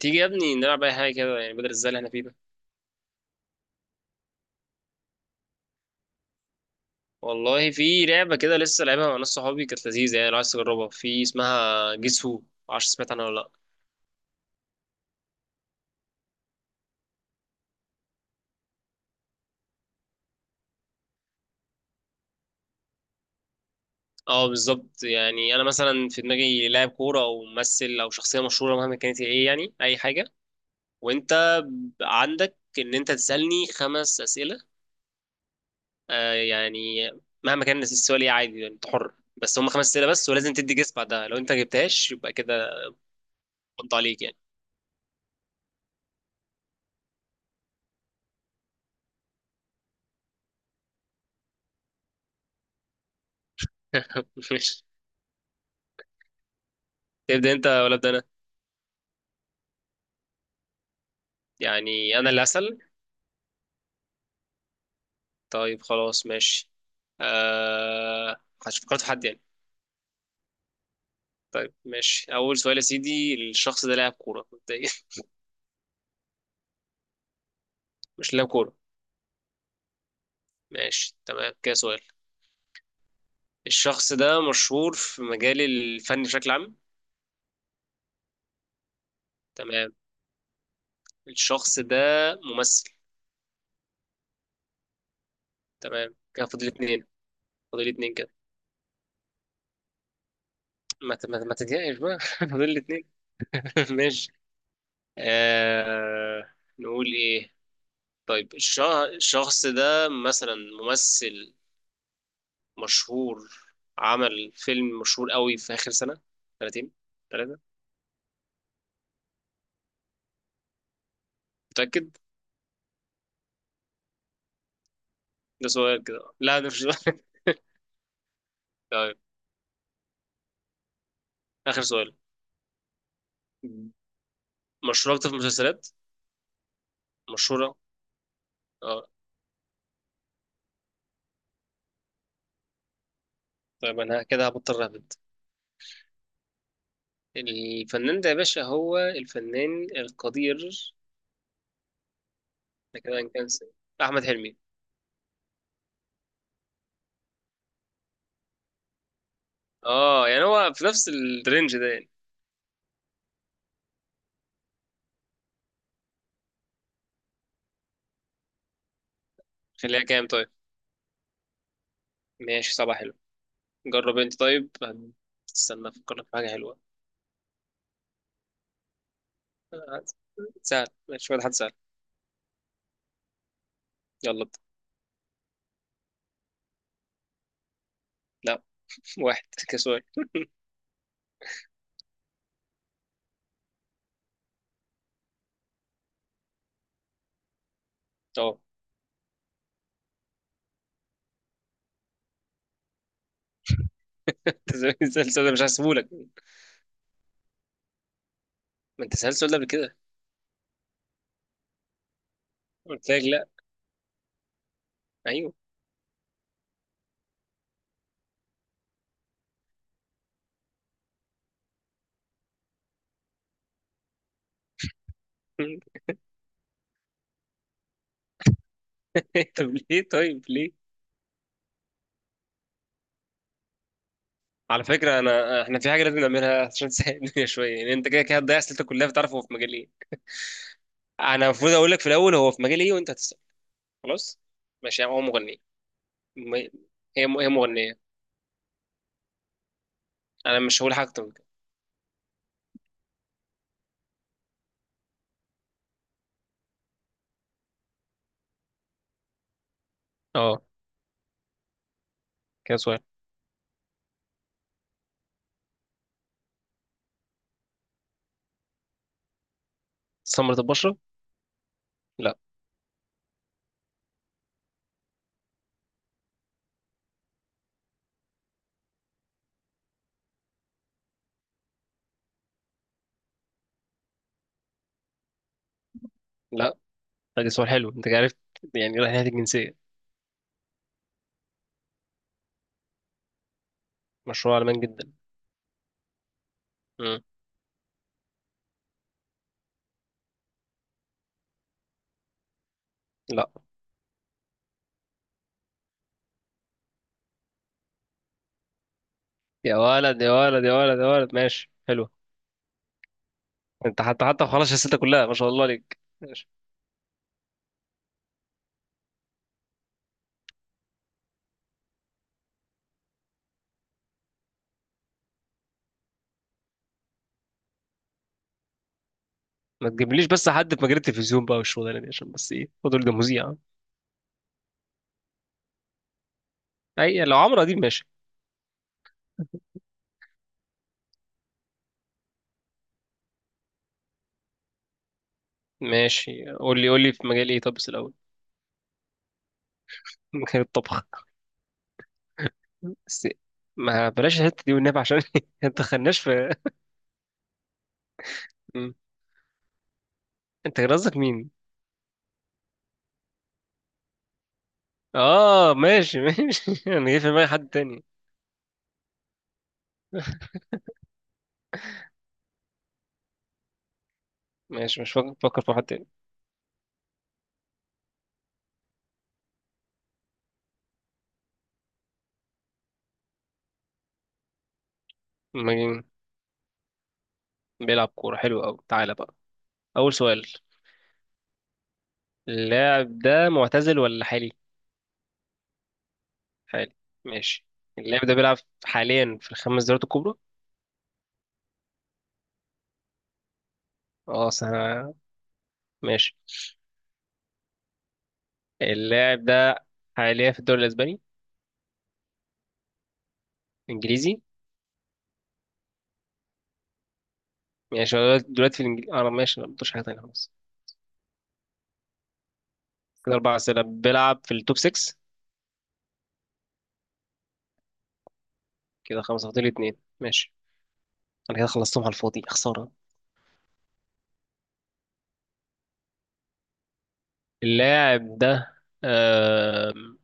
تيجي يا ابني نلعب اي حاجه كده، يعني بدل الزل اللي احنا فيه ده. والله في لعبه كده لسه لعبها مع ناس صحابي، كانت لذيذه يعني، لو عايز تجربها في اسمها جيس هو. معرفش سمعت عنها ولا لا. اه بالظبط، يعني انا مثلا في دماغي لاعب كوره او ممثل او شخصيه مشهوره، مهما كانت هي ايه، يعني اي حاجه. وانت عندك ان انت تسالني خمس اسئله. آه يعني مهما كان السؤال ايه عادي، يعني انت حر، بس هم خمس اسئله بس، ولازم تدي جيس بعدها، لو انت جبتهاش يبقى كده. انت عليك يعني. ماشي. تبدا انت ولا ابدا انا؟ يعني انا اللي هسأل. طيب خلاص ماشي. أه... فكرت في حد يعني؟ طيب ماشي، اول سؤال يا سيدي، الشخص ده لاعب كورة مبدئيا؟ مش لاعب كورة. ماشي تمام، كده سؤال. الشخص ده مشهور في مجال الفن بشكل عام؟ تمام. الشخص ده ممثل؟ تمام كده، فاضل اتنين. فاضل اتنين كده. ما تضايقش بقى. فاضل اتنين. ماشي. نقول ايه؟ طيب الشخص ده مثلا ممثل مشهور، عمل فيلم مشهور قوي في آخر سنة، سنتين، ثلاثة؟ متأكد؟ ده سؤال كده؟ لا ده مش سؤال. طيب آخر سؤال. مشهورة أكتر في المسلسلات؟ مشهورة. اه. طيب أنا كده هبطل رابط. الفنان ده يا باشا هو الفنان القدير. ده كده هنكنسل. أحمد حلمي. اه يعني هو في نفس الرينج ده يعني. خليها كام طيب؟ ماشي صباح حلو. جرب انت طيب. استنى افكر لك في حاجة حلوة. آه، سهل ماشي، شوية حد سهل. يلا ابدأ. لا. واحد كسؤال. اه. انت زي ما سألت سؤال، ده مش هسيبهولك. ما انت سألت السؤال ده قبل كده. قلت لك لا. ايوه. طب ليه طيب ليه؟ على فكرة أنا إحنا في حاجة لازم نعملها عشان تسهل الدنيا شوية، يعني أنت كده كده هتضيع أسئلتك كلها، فتعرف هو في مجال إيه. أنا المفروض أقول لك في الأول هو في مجال إيه وأنت هتسأل. خلاص ماشي. هو مغنية. م... هي مغنية. أنا مش هقول حاجة أكتر من كده. أه كده سؤال. سمرة البشرة؟ لا. لا ده سؤال حلو، أنت عرفت، يعني رايح ناحية الجنسية. مشروع على مان جدا. مم. لا. يا ولد يا ولد يا ولد يا ولد ماشي حلو. انت حتى خلاص الستة كلها، ما شاء الله عليك، ماشي. ما تجيبليش بس حد في مجال التلفزيون بقى والشغلانه دي، عشان بس ايه فضل ده مذيع. اي لو عمرو اديب ماشي. ماشي قول لي قول لي في مجال ايه، طب بس الاول. مجال الطبخ بس؟ ما بلاش الحته دي والنبي عشان ما تدخلناش في. م. انت كان قصدك مين؟ اه ماشي ماشي. انا جاي في دماغي حد تاني. ماشي مش فاكر، فاكر في حد تاني. مجنون. بيلعب كوره، حلو قوي، تعالى بقى. اول سؤال. اللاعب ده معتزل ولا حالي؟ حالي. ماشي. اللاعب ده بيلعب حاليا في الخمس دوريات الكبرى؟ اه سنة. ماشي. اللاعب ده حاليا في الدوري الاسباني؟ انجليزي. ماشي هو دلوقتي دلوقتي في الانجليزي اه لا، ماشي، لا مبطلش حاجة تانية خلاص. كده أربع أسئلة، بيلعب في التوب 6. كده خمسة، فاضل اتنين. ماشي. أنا كده خلصتهم على الفاضي، خسارة. اللاعب ده، آم،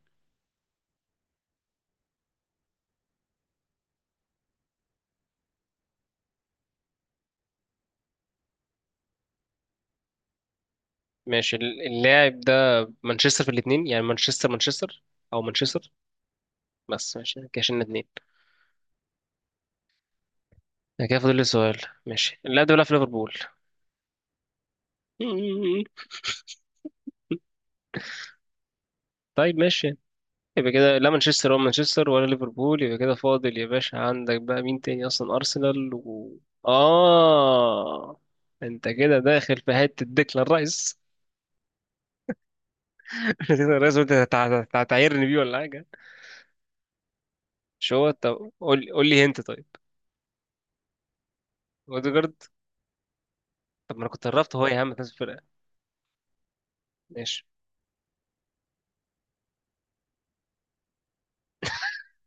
ماشي. اللاعب ده مانشستر، في الاتنين، يعني مانشستر مانشستر، أو مانشستر؟ بس ماشي كده شلنا اتنين. ده كده فاضل لي سؤال. ماشي، اللاعب ده بيلعب في ليفربول؟ مم. طيب ماشي. يبقى كده لا مانشستر ولا مانشستر ولا ليفربول، يبقى كده فاضل يا باشا، عندك بقى مين تاني اصلا، ارسنال و اه، انت كده داخل في حته ديكلان رايس. ديكلان رايس، قلت هتعايرني بيه ولا حاجه؟ مش هو؟ طب قول قول لي انت طيب. اوديجارد؟ طب ما انا كنت قربت هو يا عم، فاز الفرقه. ماشي.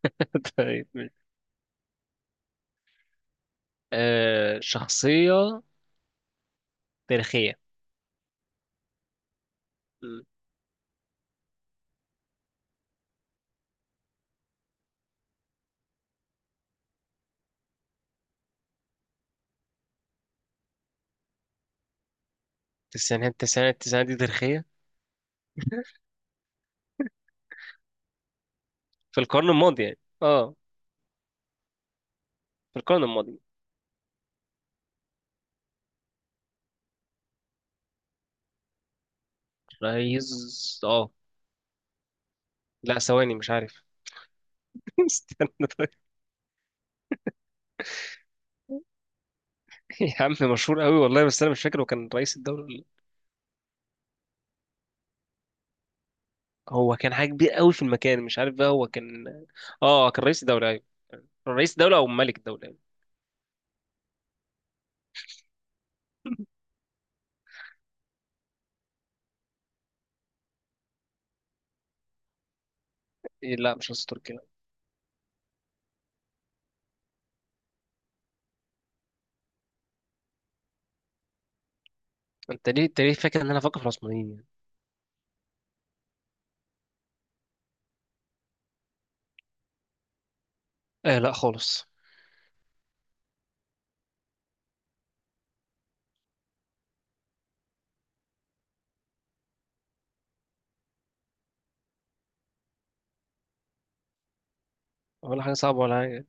طيب ماشي. آه شخصيه تاريخيه. مم. التسعينات التسعينات التسعينات دي تاريخيه؟ في القرن الماضي يعني، اه في القرن الماضي. رئيس، اه لا ثواني مش عارف. استنى طيب. يا عم مشهور قوي والله، بس انا مش فاكر هو كان رئيس الدولة ولا لأ. هو كان حاجة كبير قوي في المكان، مش عارف بقى هو كان. اه كان رئيس الدولة ايوه. رئيس الدولة او ملك الدولة يعني. إيه لا مش رئيس تركيا لا. انت ليه انت ليه فاكر ان انا فاكر في العثمانيين يعني؟ آه لا خالص. ولا حاجة صعبة ولا حاجة.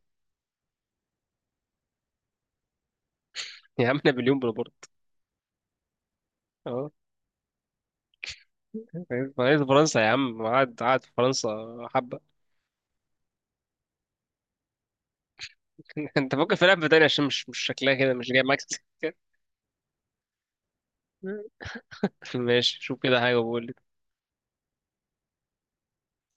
يا عم نابليون بونابرت. اه رئيس فرنسا يا عم، قعد قعد في فرنسا حبة. انت فاكر في لعبة تانية عشان مش مش شكلها كده مش جاي معاك. ماشي شوف كده حاجة وبقول لي.